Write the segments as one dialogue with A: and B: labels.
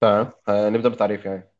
A: تمام، نبدأ بتعريف يعني.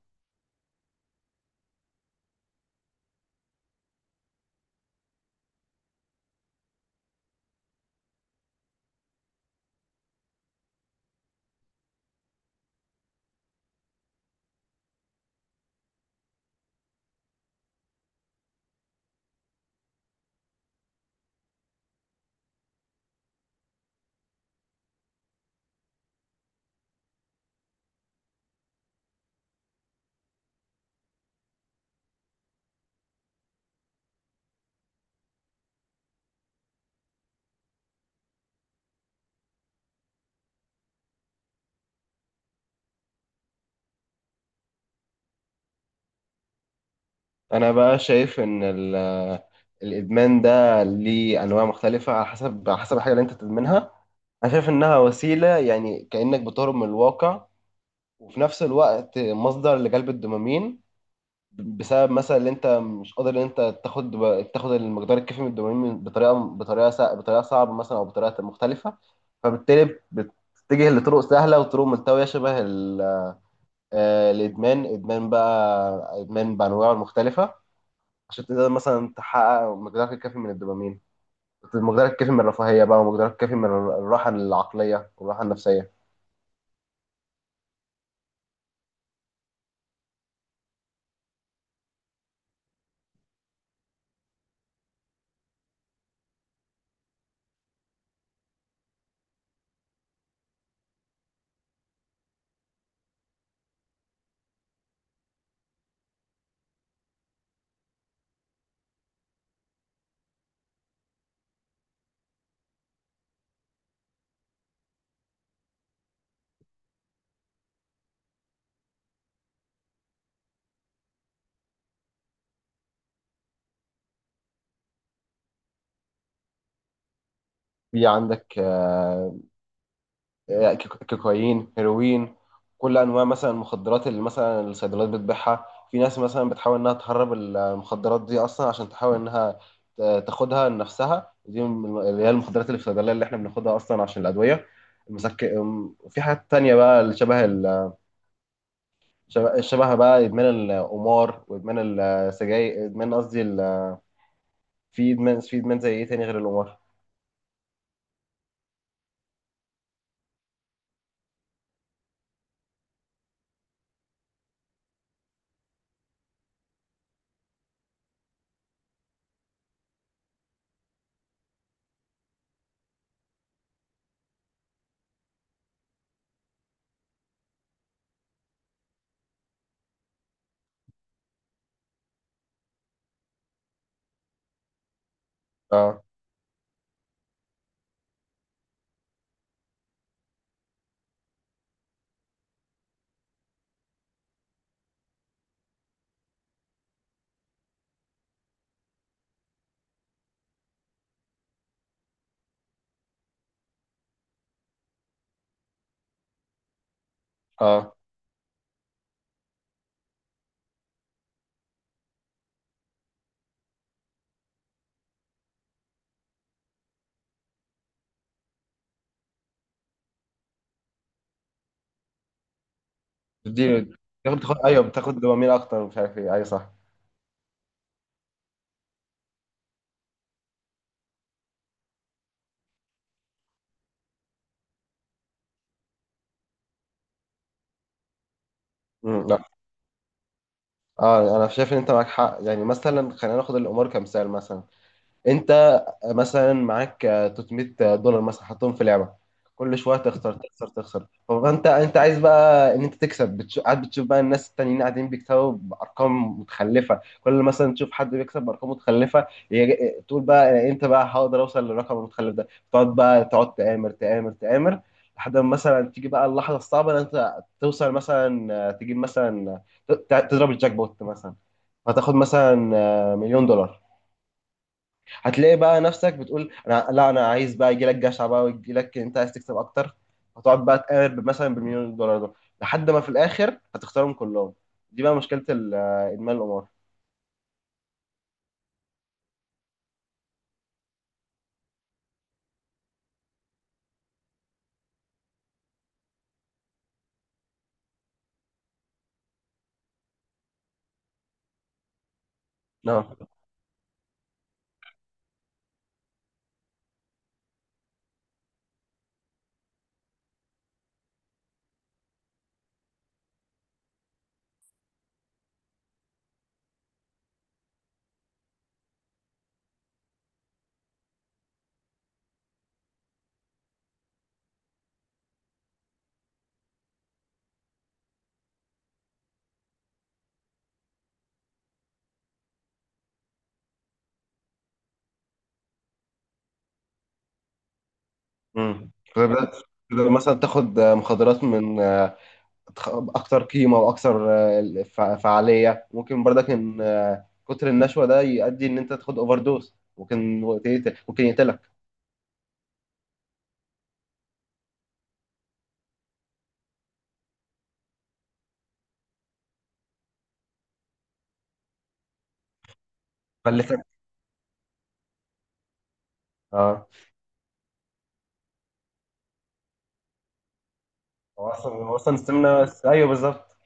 A: أنا بقى شايف إن الإدمان ده ليه أنواع مختلفة، على حسب الحاجة اللي أنت تدمنها. أنا شايف إنها وسيلة يعني كأنك بتهرب من الواقع، وفي نفس الوقت مصدر لجلب الدوبامين، بسبب مثلا إن أنت مش قادر إن أنت تاخد المقدار الكافي من الدوبامين بطريقة صعبة مثلا، أو بطريقة مختلفة. فبالتالي بتتجه لطرق سهلة وطرق ملتوية، شبه الادمان ادمان بقى ادمان بانواعه المختلفه، عشان تقدر مثلا تحقق مقدارك الكافي من الدوبامين، مقدارك الكافي من الرفاهيه بقى، ومقدارك الكافي من الراحه العقليه والراحه النفسيه. في عندك كوكايين، هيروين، كل انواع مثلا المخدرات اللي مثلا الصيدليات بتبيعها. في ناس مثلا بتحاول انها تهرب المخدرات دي اصلا عشان تحاول انها تاخدها لنفسها، دي اللي هي المخدرات اللي في الصيدليه اللي احنا بناخدها اصلا عشان الادويه وفي حاجات تانية بقى اللي شبه ال... شبه شبه بقى ادمان القمار، وادمان السجاير، ادمان، قصدي في ادمان زي ايه تاني غير القمار؟ اه، اه، بتدي بتاخد ايوه، بتاخد دوبامين اكتر، مش عارف ايه، ايوه صح. لا، اه، انا شايف ان انت معاك حق. يعني مثلا خلينا ناخد الامور كمثال. مثلا انت مثلا معاك 300 دولار مثلا، حطهم في لعبه. كل شويه تخسر، تخسر، تخسر، فانت عايز بقى ان انت تكسب، قاعد بتشوف بقى الناس التانيين قاعدين بيكسبوا بارقام متخلفه. كل مثلا تشوف حد بيكسب بارقام متخلفه تقول بقى، انت بقى هقدر اوصل للرقم المتخلف ده، تقعد تآمر تآمر تآمر، لحد ما مثلا تيجي بقى اللحظه الصعبه ان انت توصل مثلا، تجيب مثلا تضرب الجاك بوت مثلا، فتاخد مثلا مليون دولار. هتلاقي بقى نفسك بتقول انا لا، انا عايز بقى، يجي لك جشع بقى، ويجي لك انت عايز تكسب اكتر. هتقعد بقى تقارب مثلا بالمليون دولار ده لحد ما في الاخر هتختارهم كلهم. دي بقى مشكله ادمان القمار. نعم. فبدأت تقدر مثلا تاخد مخدرات من اكتر قيمه واكثر فعاليه. ممكن برضك ان كتر النشوه ده يؤدي ان انت تاخد اوفر دوز، ممكن يقتلك. فلتك. اه، هو اصلا السمنه، ايوه بالظبط.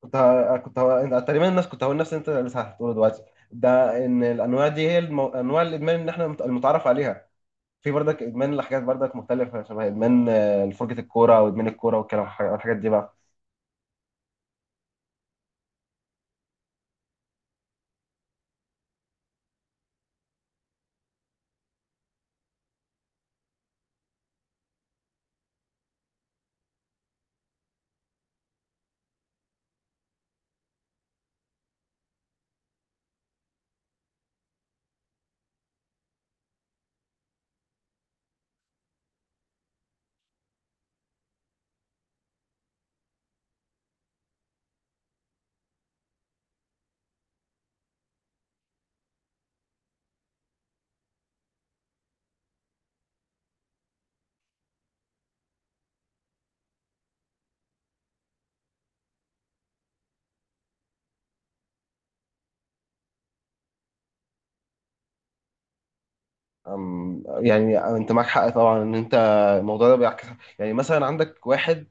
A: أنا تقريبا الناس كنت هقول نفس اللي انت لسه هتقوله دلوقتي. ده ان الانواع دي هي انواع الادمان اللي احنا المتعارف عليها. في برضك ادمان لحاجات برضك مختلفه، شبه ادمان فرجه الكوره، او ادمان الكوره والكلام، الحاجات دي بقى. يعني انت معاك حق طبعا ان انت، الموضوع ده بيعكس. يعني مثلا عندك واحد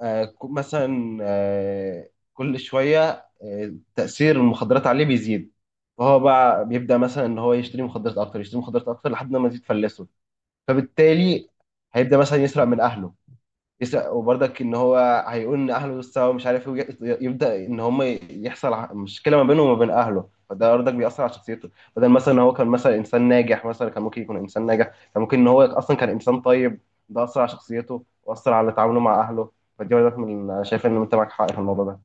A: آه، ك- مثلا آه، كل شويه تاثير المخدرات عليه بيزيد. فهو بقى بيبدا مثلا ان هو يشتري مخدرات اكتر، يشتري مخدرات اكتر لحد ما تزيد تفلسه، فبالتالي هيبدا مثلا يسرق من اهله، يسرق. وبرضك ان هو هيقول ان اهله سوا مش عارف ايه، يبدا ان هم يحصل مشكله ما بينه وما بين اهله. فده برضك بيأثر على شخصيته. بدل مثلا ان هو كان مثلا انسان ناجح، مثلا كان ممكن يكون انسان ناجح، كان ممكن ان هو اصلا كان انسان طيب، ده اثر على شخصيته واثر على تعامله مع اهله. فدي برضك من انا شايف ان انت معاك حق في الموضوع ده.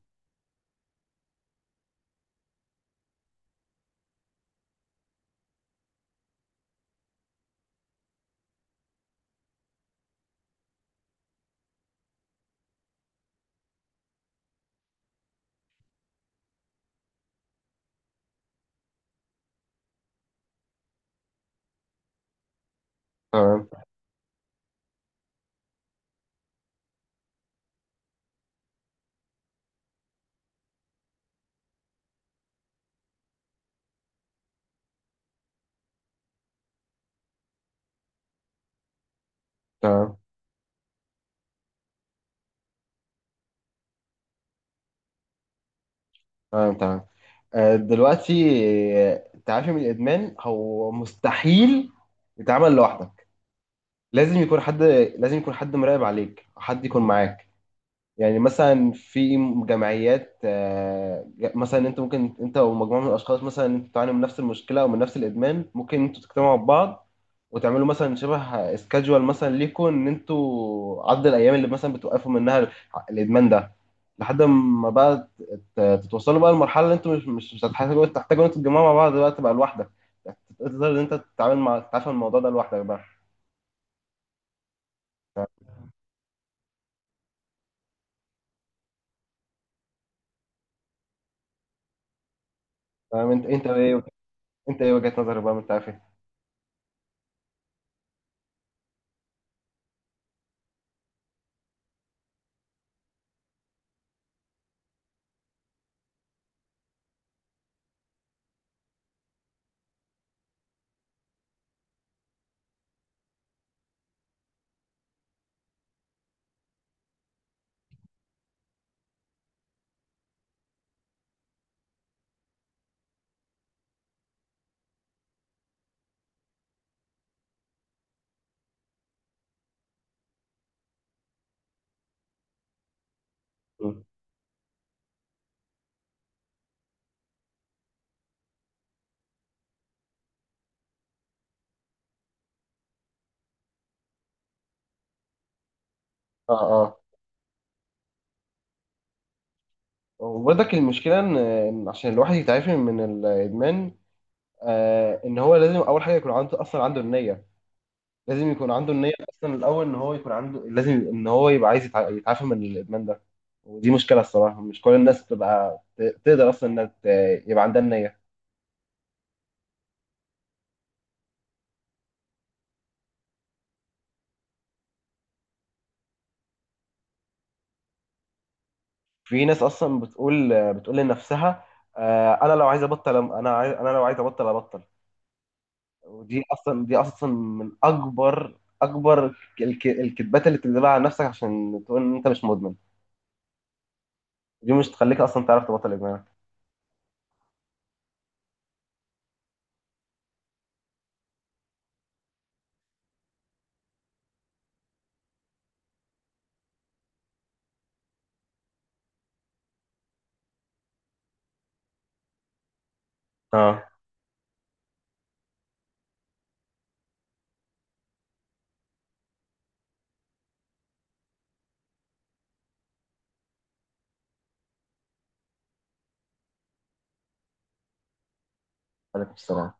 A: تمام، تمام، تمام، تمام. دلوقتي، التعافي من الادمان هو مستحيل يتعمل لوحده. لازم يكون حد لازم يكون حد مراقب عليك، حد يكون معاك. يعني مثلا في جمعيات، مثلا انت ممكن انت ومجموعه من الاشخاص مثلا انتوا بتعانوا من نفس المشكله او من نفس الادمان، ممكن انتوا تجتمعوا ببعض، وتعملوا مثلا شبه سكادجوال مثلا ليكم ان انتوا عدد الايام اللي مثلا بتوقفوا منها الادمان ده، لحد ما بقى تتوصلوا بقى لمرحله اللي انتوا مش هتحتاجوا ان انتوا تتجمعوا مع بعض بقى، تبقى لوحدك تقدر ان انت تتعامل مع تتعافى من الموضوع ده لوحدك بقى. فاهم انت؟ ايه وجهة نظرك بقى من التعافي؟ مم. اه، اه، وبرضك المشكلة ان عشان الواحد يتعافي من الادمان، ان هو لازم اول حاجة يكون عنده اصلا عنده النية، لازم يكون عنده النية اصلا الاول. ان هو يكون عنده لازم ان هو يبقى عايز يتعافى من الادمان ده. ودي مشكلة الصراحة، مش كل الناس بتبقى تقدر اصلا انها يبقى عندها النية. في ناس اصلا بتقول لنفسها، انا لو عايز ابطل، انا لو عايز ابطل ابطل. ودي اصلا من اكبر الكذبات اللي بتكذبها على نفسك عشان تقول ان انت مش مدمن. دي مش تخليك اصلا تعرف تبطل ادمان. اه. عليكم السلام.